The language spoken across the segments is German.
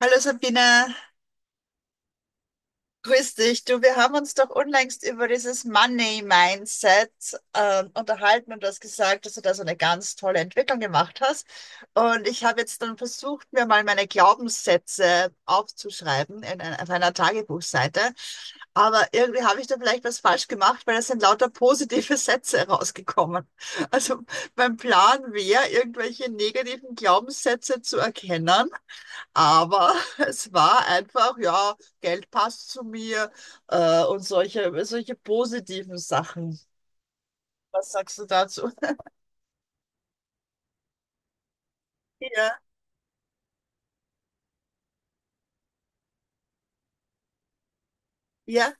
Hallo Sabine, grüß dich. Du, wir haben uns doch unlängst über dieses Money Mindset unterhalten und du hast gesagt, dass du da so eine ganz tolle Entwicklung gemacht hast. Und ich habe jetzt dann versucht, mir mal meine Glaubenssätze aufzuschreiben auf einer Tagebuchseite. Aber irgendwie habe ich da vielleicht was falsch gemacht, weil es sind lauter positive Sätze rausgekommen. Also mein Plan wäre, irgendwelche negativen Glaubenssätze zu erkennen, aber es war einfach, ja, Geld passt zu mir, und solche positiven Sachen. Was sagst du dazu? Ja, ja.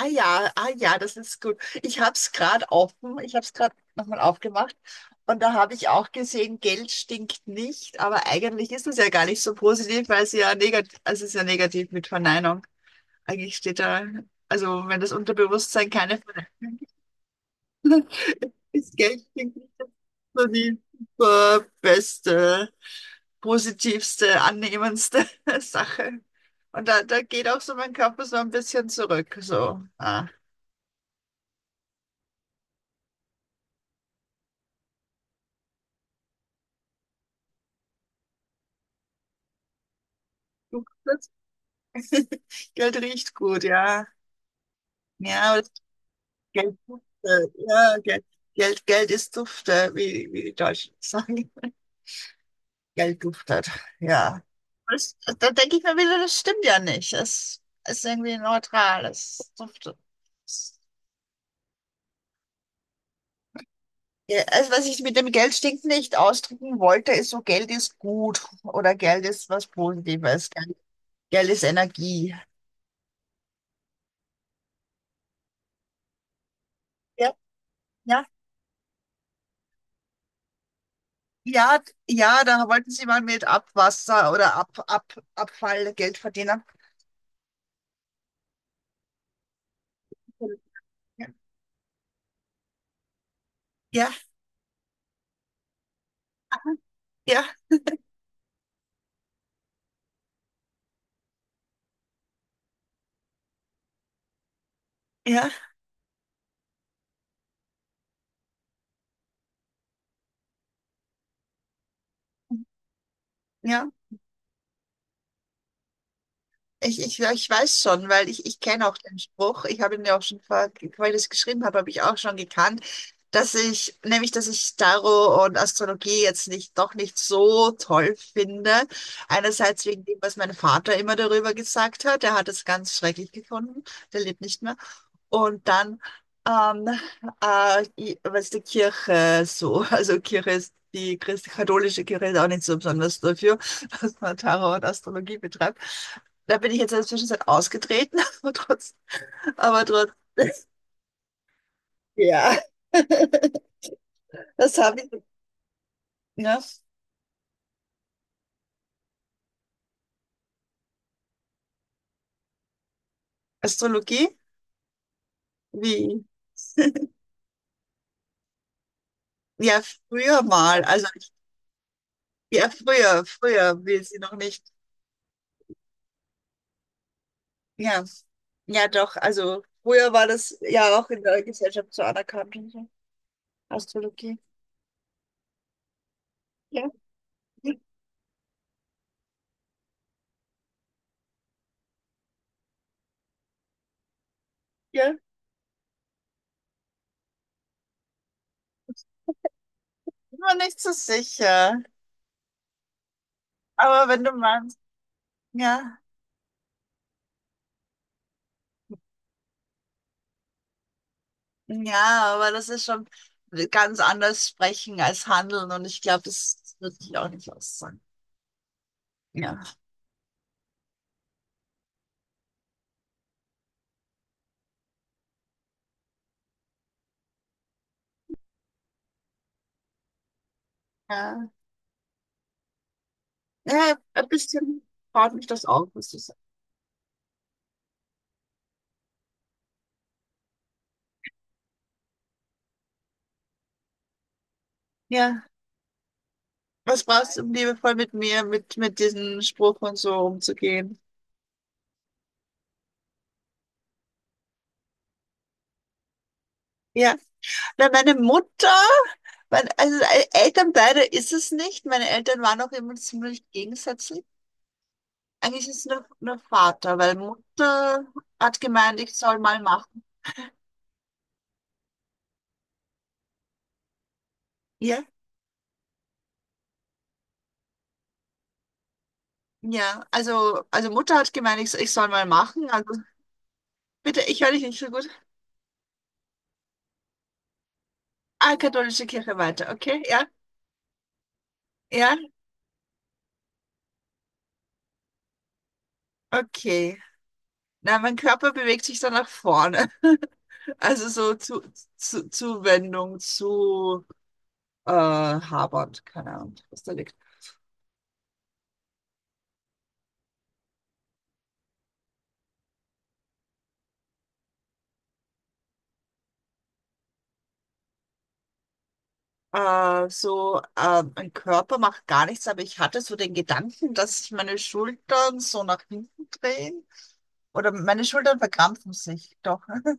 Ah ja, ah ja, das ist gut. Ich habe es gerade offen, ich habe es gerade nochmal aufgemacht und da habe ich auch gesehen, Geld stinkt nicht, aber eigentlich ist es ja gar nicht so positiv, weil es ja negativ, also es ist ja negativ mit Verneinung. Eigentlich steht da, also wenn das Unterbewusstsein keine Verneinung ist, Geld stinkt nicht. So die beste, positivste, annehmendste Sache. Und da geht auch so mein Körper so ein bisschen zurück. So, ah, das Geld riecht gut, ja. Ja, aber das Geld dufte. Ja, Geld, Geld ist dufte, wie, wie die Deutschen sagen. Geld duftet, ja. Das, da denke ich mir wieder, das stimmt ja nicht. Es ist irgendwie neutral, es duftet. Ja, also was ich mit dem Geld stinkt nicht ausdrücken wollte, ist so, Geld ist gut oder Geld ist was Positives, Geld, Geld ist Energie. Ja, ja. Ja, ja, da wollten Sie mal mit Abwasser oder Abfall Geld verdienen. Ja, ja, ja, ja. Ich weiß schon, weil ich kenne auch den Spruch. Ich habe ihn ja auch schon vor, weil ich das geschrieben habe, habe ich auch schon gekannt, dass ich, nämlich, dass ich Tarot und Astrologie jetzt nicht, doch nicht so toll finde. Einerseits wegen dem, was mein Vater immer darüber gesagt hat. Er hat es ganz schrecklich gefunden. Der lebt nicht mehr. Und dann ähm, was die Kirche so, also Kirche ist die christ katholische Kirche ist auch nicht so besonders dafür, dass man Tarot und Astrologie betreibt. Da bin ich jetzt in der Zwischenzeit ausgetreten, aber trotz, ja, das habe ich, ne? Astrologie, wie, ja, früher mal, also, ja, früher will sie noch nicht, ja, ja, doch, also, früher war das ja auch in der Gesellschaft so anerkannt und so, Astrologie. Ja. Ja, bin mir nicht so sicher. Aber wenn du meinst, ja, ja, aber das ist schon ganz anders sprechen als handeln und ich glaube, das würde ich auch nicht aussagen. Ja. Ja, ja, ein bisschen baut mich das auf, was du sagst. Ja. Was brauchst du, um liebevoll mit mir, mit diesem Spruch und so umzugehen? Ja. Na, meine Mutter, mein, also Eltern beide ist es nicht. Meine Eltern waren auch immer ziemlich gegensätzlich. Eigentlich ist es nur Vater, weil Mutter hat gemeint, ich soll mal machen. Ja? Ja, also Mutter hat gemeint, ich soll mal machen. Also bitte, ich höre dich nicht so gut. Ah, katholische Kirche weiter, okay? Ja? Ja? Okay. Na, mein Körper bewegt sich dann nach vorne. Also so zu Zuwendung zu Habernd, keine Ahnung, was da liegt. Mein Körper macht gar nichts, aber ich hatte so den Gedanken, dass sich meine Schultern so nach hinten drehen. Oder meine Schultern verkrampfen sich doch. Ne?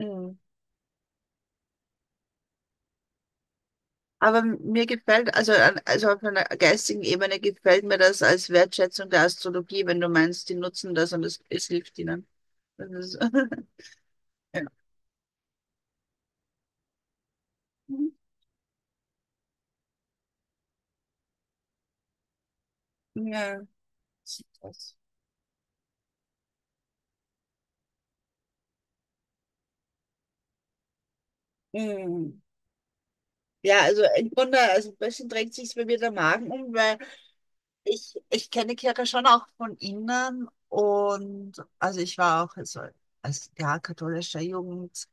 Mhm. Aber mir gefällt, also, also auf einer geistigen Ebene gefällt mir das als Wertschätzung der Astrologie, wenn du meinst, die nutzen das und es hilft ihnen. Das ist, ja. Ja. Das- Mhm. Ja, also im Grunde, also ein bisschen drängt sich bei mir der Magen um, weil ich ich kenne Kirche schon auch von innen und also ich war auch also als ja, katholischer Jugend,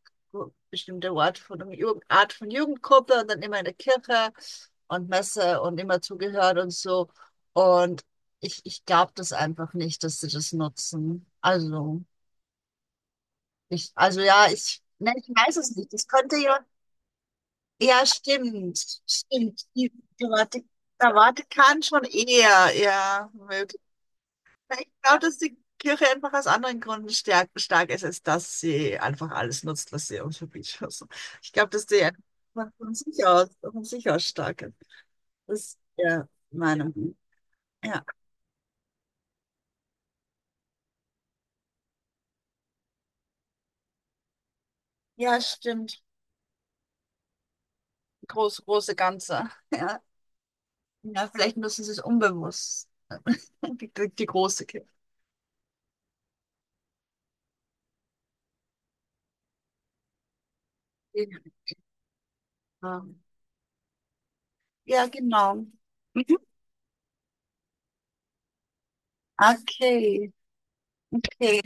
bestimmte Ort von einer Jugend, Art von Jugendgruppe und dann immer in der Kirche und Messe und immer zugehört und so. Und ich glaube das einfach nicht, dass sie das nutzen. Also, ich, also ja, ich, ne, ich weiß es nicht. Das könnte ja, ja, stimmt. Die, Vati- der Vatikan schon eher, ja. Ich glaube, dass die Kirche einfach aus anderen Gründen stark ist, als dass sie einfach alles nutzt, was sie uns verbietet. Also, ich glaube, dass die einfach von sich aus stark ist. Das ist ja meine Meinung. Ja, ja, stimmt. Groß, große Ganze. Ja, ja vielleicht müssen sie es unbewusst. Die große Kirche. Ja, ja, genau. Mhm. Okay, okay.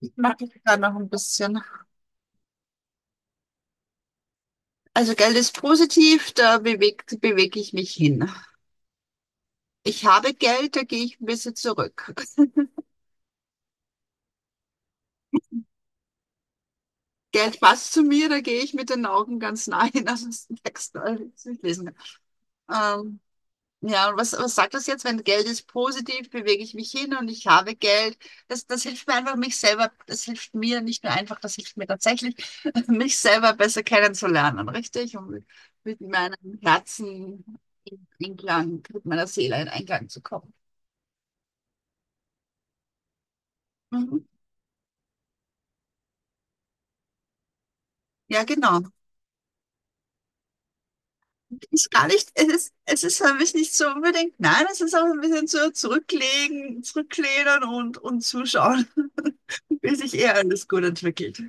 Ich mache mich da noch ein bisschen. Also Geld ist positiv, da bewege ich mich hin. Ich habe Geld, da gehe ich ein bisschen zurück. Geld passt zu mir, da gehe ich mit den Augen ganz nah hin, also das ist ein Text, das ist nicht lesen. Ähm, ja, und was sagt das jetzt? Wenn Geld ist positiv, bewege ich mich hin und ich habe Geld. Das hilft mir einfach, mich selber, das hilft mir nicht nur einfach, das hilft mir tatsächlich, mich selber besser kennenzulernen, richtig? Und mit meinem Herzen in Einklang, mit meiner Seele in Einklang zu kommen. Mhm. Ja, genau. Ist gar nicht, es ist für mich nicht so unbedingt, nein, es ist auch ein bisschen so zurücklegen, zurücklehnen und zuschauen, bis sich eher alles gut entwickelt.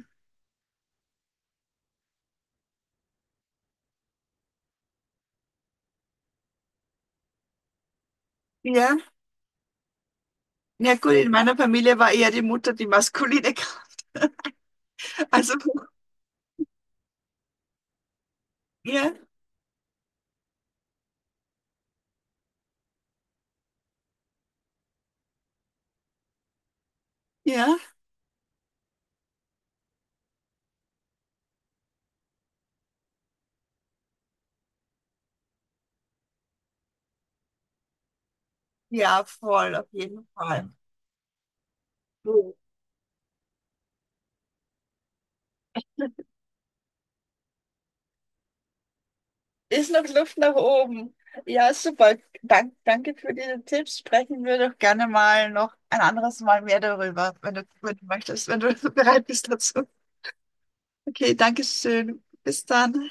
Ja, ja gut, in meiner Familie war eher die Mutter die maskuline, also ja, ja, ja, voll, auf jeden Fall. So, ist noch Luft nach oben. Ja, super. Dank, danke für diese Tipps. Sprechen wir doch gerne mal noch ein anderes Mal mehr darüber, wenn du, wenn du möchtest, wenn du bereit bist dazu. Okay, danke schön. Bis dann.